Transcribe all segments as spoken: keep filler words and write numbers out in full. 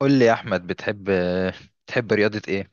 قول لي يا احمد بتحب بتحب رياضة ايه؟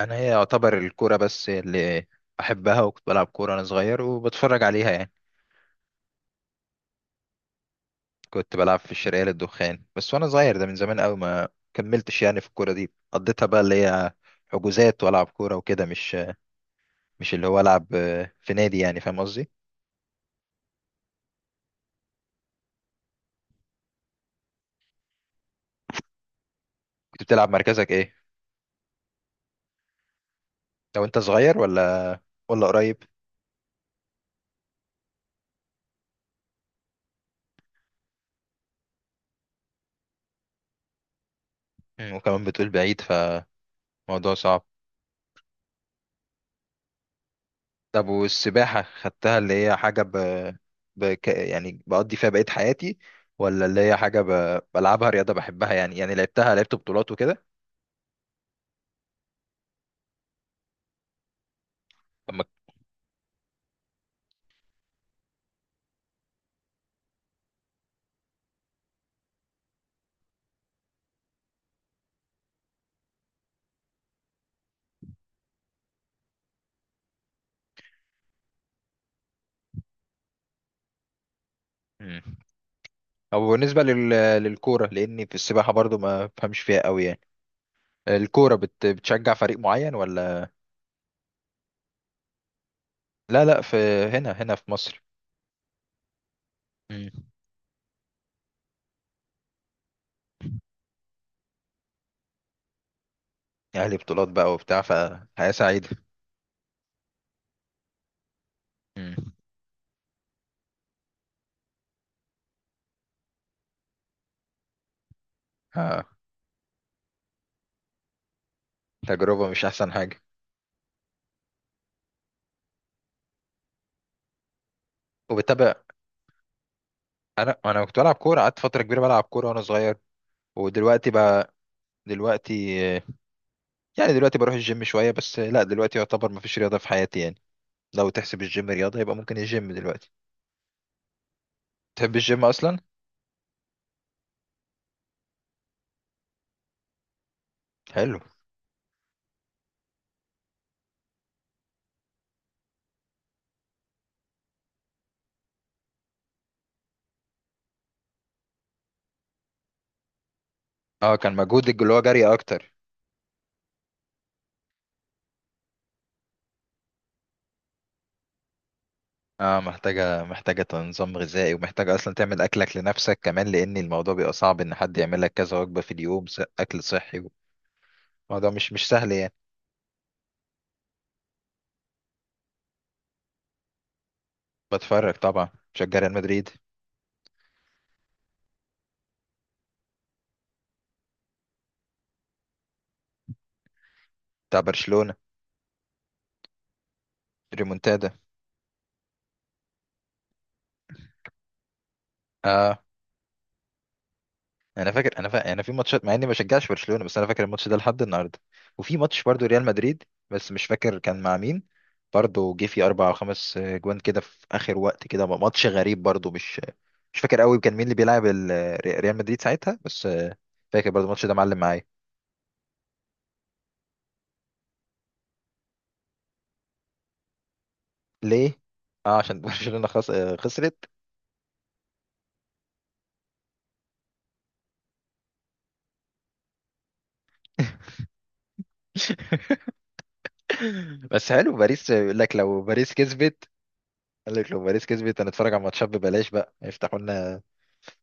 انا هي يعتبر الكورة بس اللي احبها، وكنت بلعب كورة وانا صغير وبتفرج عليها يعني. كنت بلعب في الشرقية للدخان بس وانا صغير، ده من زمان قوي ما كملتش يعني في الكورة دي، قضيتها بقى اللي هي حجوزات والعب كورة وكده، مش مش اللي هو العب في نادي، يعني فاهم قصدي. كنت بتلعب مركزك ايه؟ لو انت صغير ولا ولا قريب؟ مم، وكمان بتقول بعيد، فموضوع صعب. طب والسباحة خدتها اللي هي حاجة ب... ب... ك- يعني بقضي فيها بقية حياتي، ولا اللي هي حاجة ب... بلعبها رياضة بحبها يعني، يعني لعبتها، لعبت بطولات وكده؟ أما مم. أو بالنسبة لل... للكورة، لأني في السباحة برضو ما بفهمش فيها قوي يعني. الكورة بت... بتشجع فريق معين ولا؟ لا لا، في هنا، هنا في مصر. مم. أهلي بطولات بقى وبتاع، فحياة سعيدة. مم. آه. تجربة مش أحسن حاجة. وبتابع. أنا أنا كنت بلعب كورة، قعدت فترة كبيرة بلعب كورة وأنا صغير. ودلوقتي بقى، دلوقتي، يعني دلوقتي بروح الجيم شوية بس، لا دلوقتي يعتبر مفيش رياضة في حياتي يعني. لو تحسب الجيم رياضة يبقى ممكن الجيم دلوقتي. تحب الجيم أصلا؟ حلو. اه كان مجهودك اللي هو جري أكتر. اه، محتاجة محتاجة نظام غذائي، ومحتاجة أصلا تعمل أكلك لنفسك كمان، لأن الموضوع بيبقى صعب إن حد يعمل لك كذا وجبة في اليوم، س- أكل صحي. الموضوع مش مش سهل يعني. بتفرج طبعا. بشجع ريال مدريد. بتاع برشلونة. ريمونتادا. اه. انا فاكر، انا فا... انا في ماتشات مع اني ما بشجعش برشلونه، بس انا فاكر الماتش ده لحد النهارده. وفي ماتش برضو ريال مدريد بس مش فاكر كان مع مين. برضو جه فيه اربع او خمس جوان كده في اخر وقت، كده ماتش غريب برضو. مش مش فاكر قوي كان مين اللي بيلعب ال... ريال مدريد ساعتها، بس فاكر برضو الماتش ده معلم معايا. ليه؟ اه عشان برشلونه خس... خسرت. بس حلو باريس، يقول لك لو باريس كسبت. قال لك لو باريس كسبت هنتفرج على ماتشات ببلاش بقى، يفتحوا لنا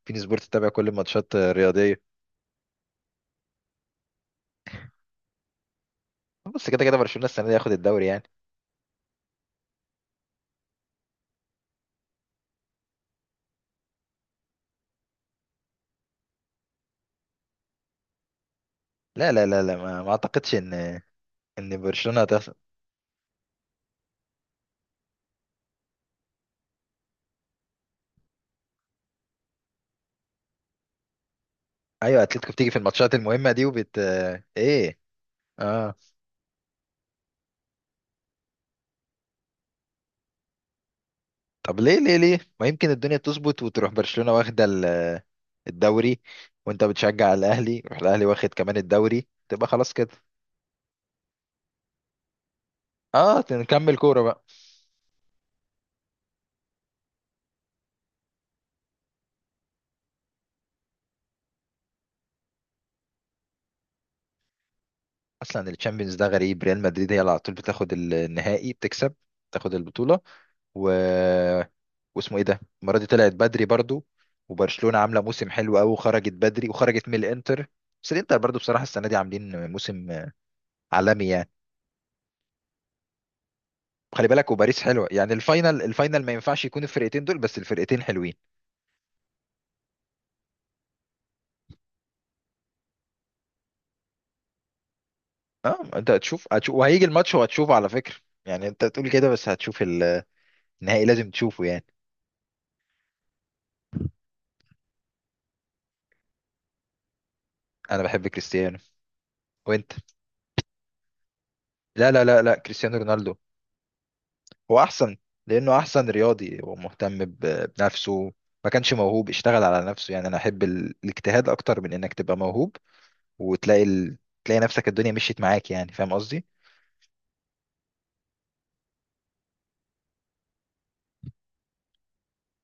بين سبورت تتابع كل الماتشات الرياضيه. بس كده كده برشلونه السنه دي هياخد الدوري يعني. لا لا لا لا، ما, ما اعتقدش ان ان برشلونه هتخسر. ايوه، اتلتيكو بتيجي في الماتشات المهمه دي وبت... ايه؟ اه. طب ليه؟ ليه ليه ما يمكن الدنيا تظبط وتروح برشلونه واخده ال- الدوري، وانت بتشجع الاهلي يروح الاهلي واخد كمان الدوري، تبقى خلاص كده. اه نكمل كوره بقى. اصلا الشامبيونز ده غريب، ريال مدريد هي اللي على طول بتاخد النهائي، بتكسب تاخد البطوله. و... واسمه ايه ده، المره دي طلعت بدري برضو، وبرشلونه عامله موسم حلو قوي وخرجت بدري، وخرجت من الانتر. بس الانتر برضو بصراحه السنه دي عاملين موسم عالمي يعني. خلي بالك، وباريس حلوه يعني، الفاينل الفاينل ما ينفعش يكون الفرقتين دول، بس الفرقتين حلوين. اه انت هتشوف هتشوف وهيجي الماتش وهتشوفه على فكره. يعني انت تقول كده بس هتشوف النهائي، لازم تشوفه يعني. انا بحب كريستيانو، وانت؟ لا لا لا لا، كريستيانو رونالدو. هو احسن، لانه احسن رياضي ومهتم ب- بنفسه. ما كانش موهوب، اشتغل على نفسه يعني. انا احب ال... الاجتهاد اكتر من انك تبقى موهوب وتلاقي ال... تلاقي نفسك الدنيا مشيت معاك، يعني فاهم قصدي.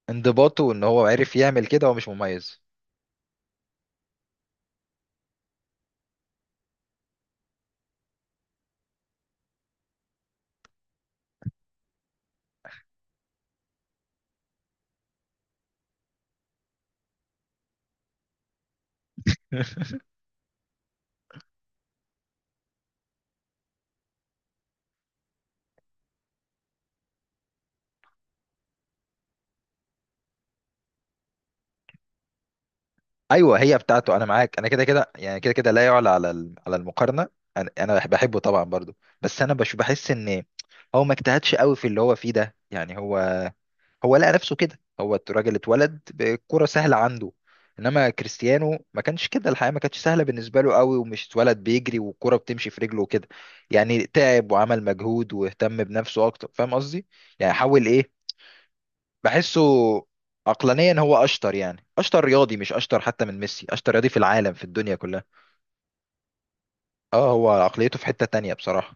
انضباطه وان هو عرف يعمل كده، هو مش مميز. ايوه هي بتاعته، انا معاك، انا كده كده يعني، كده كده لا يعلى على ال- على المقارنه. انا أنا بح- بحبه طبعا برضو، بس انا بش بحس ان هو ما اجتهدش قوي في اللي هو فيه ده يعني. هو هو لقى نفسه كده، هو الراجل اتولد بالكرة سهلة عنده. انما كريستيانو ما كانش كده، الحياة ما كانتش سهلة بالنسبة له قوي، ومش اتولد بيجري والكرة بتمشي في رجله وكده. يعني تعب وعمل مجهود واهتم بنفسه اكتر، فاهم قصدي. يعني حاول ايه. بحسه عقلانيا هو اشطر، يعني اشطر رياضي، مش اشطر حتى من ميسي، اشطر رياضي في العالم، في الدنيا كلها. اه هو عقليته في حتة تانية بصراحة.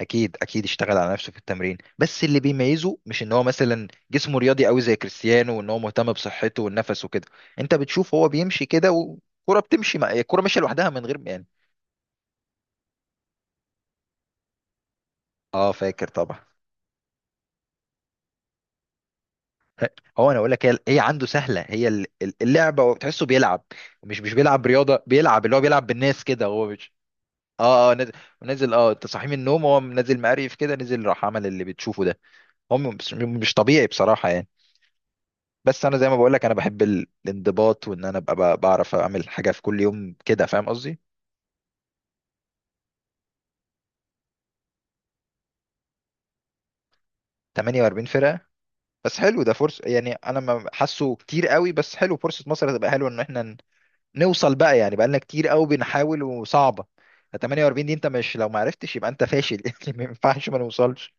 اكيد اكيد اشتغل على نفسه في التمرين، بس اللي بيميزه مش ان هو مثلا جسمه رياضي قوي زي كريستيانو، وان هو مهتم بصحته والنفس وكده. انت بتشوف هو بيمشي كده والكرة بتمشي، مع الكرة ماشية لوحدها من غير يعني. اه فاكر طبعا. هو انا اقول لك هي هي عنده سهلة هي ال- ال- اللعبة، وتحسه بيلعب مش مش بيلعب رياضة، بيلعب اللي هو بيلعب بالناس كده، هو مش... اه اه نازل، نازل اه انت صاحي من النوم هو نازل مقريف كده، نزل راح عمل اللي بتشوفه ده. هو مش مش طبيعي بصراحة يعني. بس انا زي ما بقول لك، انا بحب ال- الانضباط، وان انا ابقى ب- بعرف اعمل حاجه في كل يوم كده، فاهم قصدي. ثمانية واربعين فرقه؟ بس حلو ده فرصه، يعني انا ما حاسه كتير قوي، بس حلو فرصه، مصر هتبقى حلوه ان احنا ن- نوصل بقى يعني، بقى لنا كتير قوي بنحاول وصعبه. ثمانية واربعين دي انت مش لو ما عرفتش يبقى انت فاشل يعني، ما ينفعش ما نوصلش.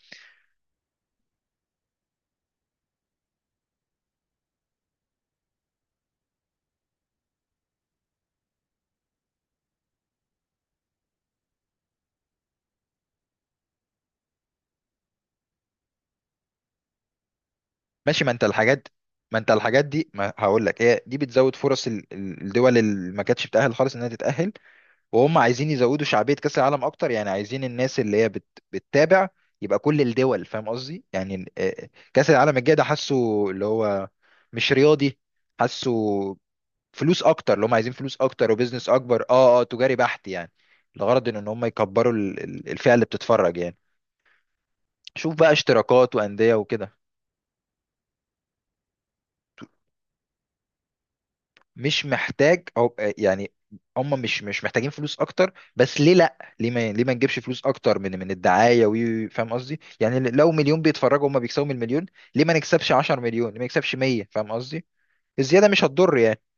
ماشي، ما انت الحاجات... ما انت الحاجات دي ما هقول لك هي دي بتزود فرص ال- ال- الدول اللي ما كانتش بتأهل خالص انها تتأهل. وهم عايزين يزودوا شعبية كأس العالم أكتر، يعني عايزين الناس اللي هي بت... بتتابع يبقى كل الدول، فاهم قصدي يعني. آه، كأس العالم الجاي ده حاسه اللي هو مش رياضي، حاسه فلوس أكتر اللي هم عايزين، فلوس أكتر وبزنس أكبر. اه اه تجاري بحت يعني. الغرض إن إن هم يكبروا ال- ال- الفئة اللي بتتفرج يعني. شوف بقى اشتراكات وأندية وكده. مش محتاج، او يعني هم مش مش محتاجين فلوس اكتر، بس ليه لا، ليه ما، ليه ما نجيبش فلوس اكتر من من الدعايه وي- فاهم قصدي يعني؟ لو مليون بيتفرجوا هم بيكسبوا من المليون، ليه ما نكسبش عشرة مليون، ليه ما نكسبش مية، فاهم قصدي. الزياده مش هتضر يعني.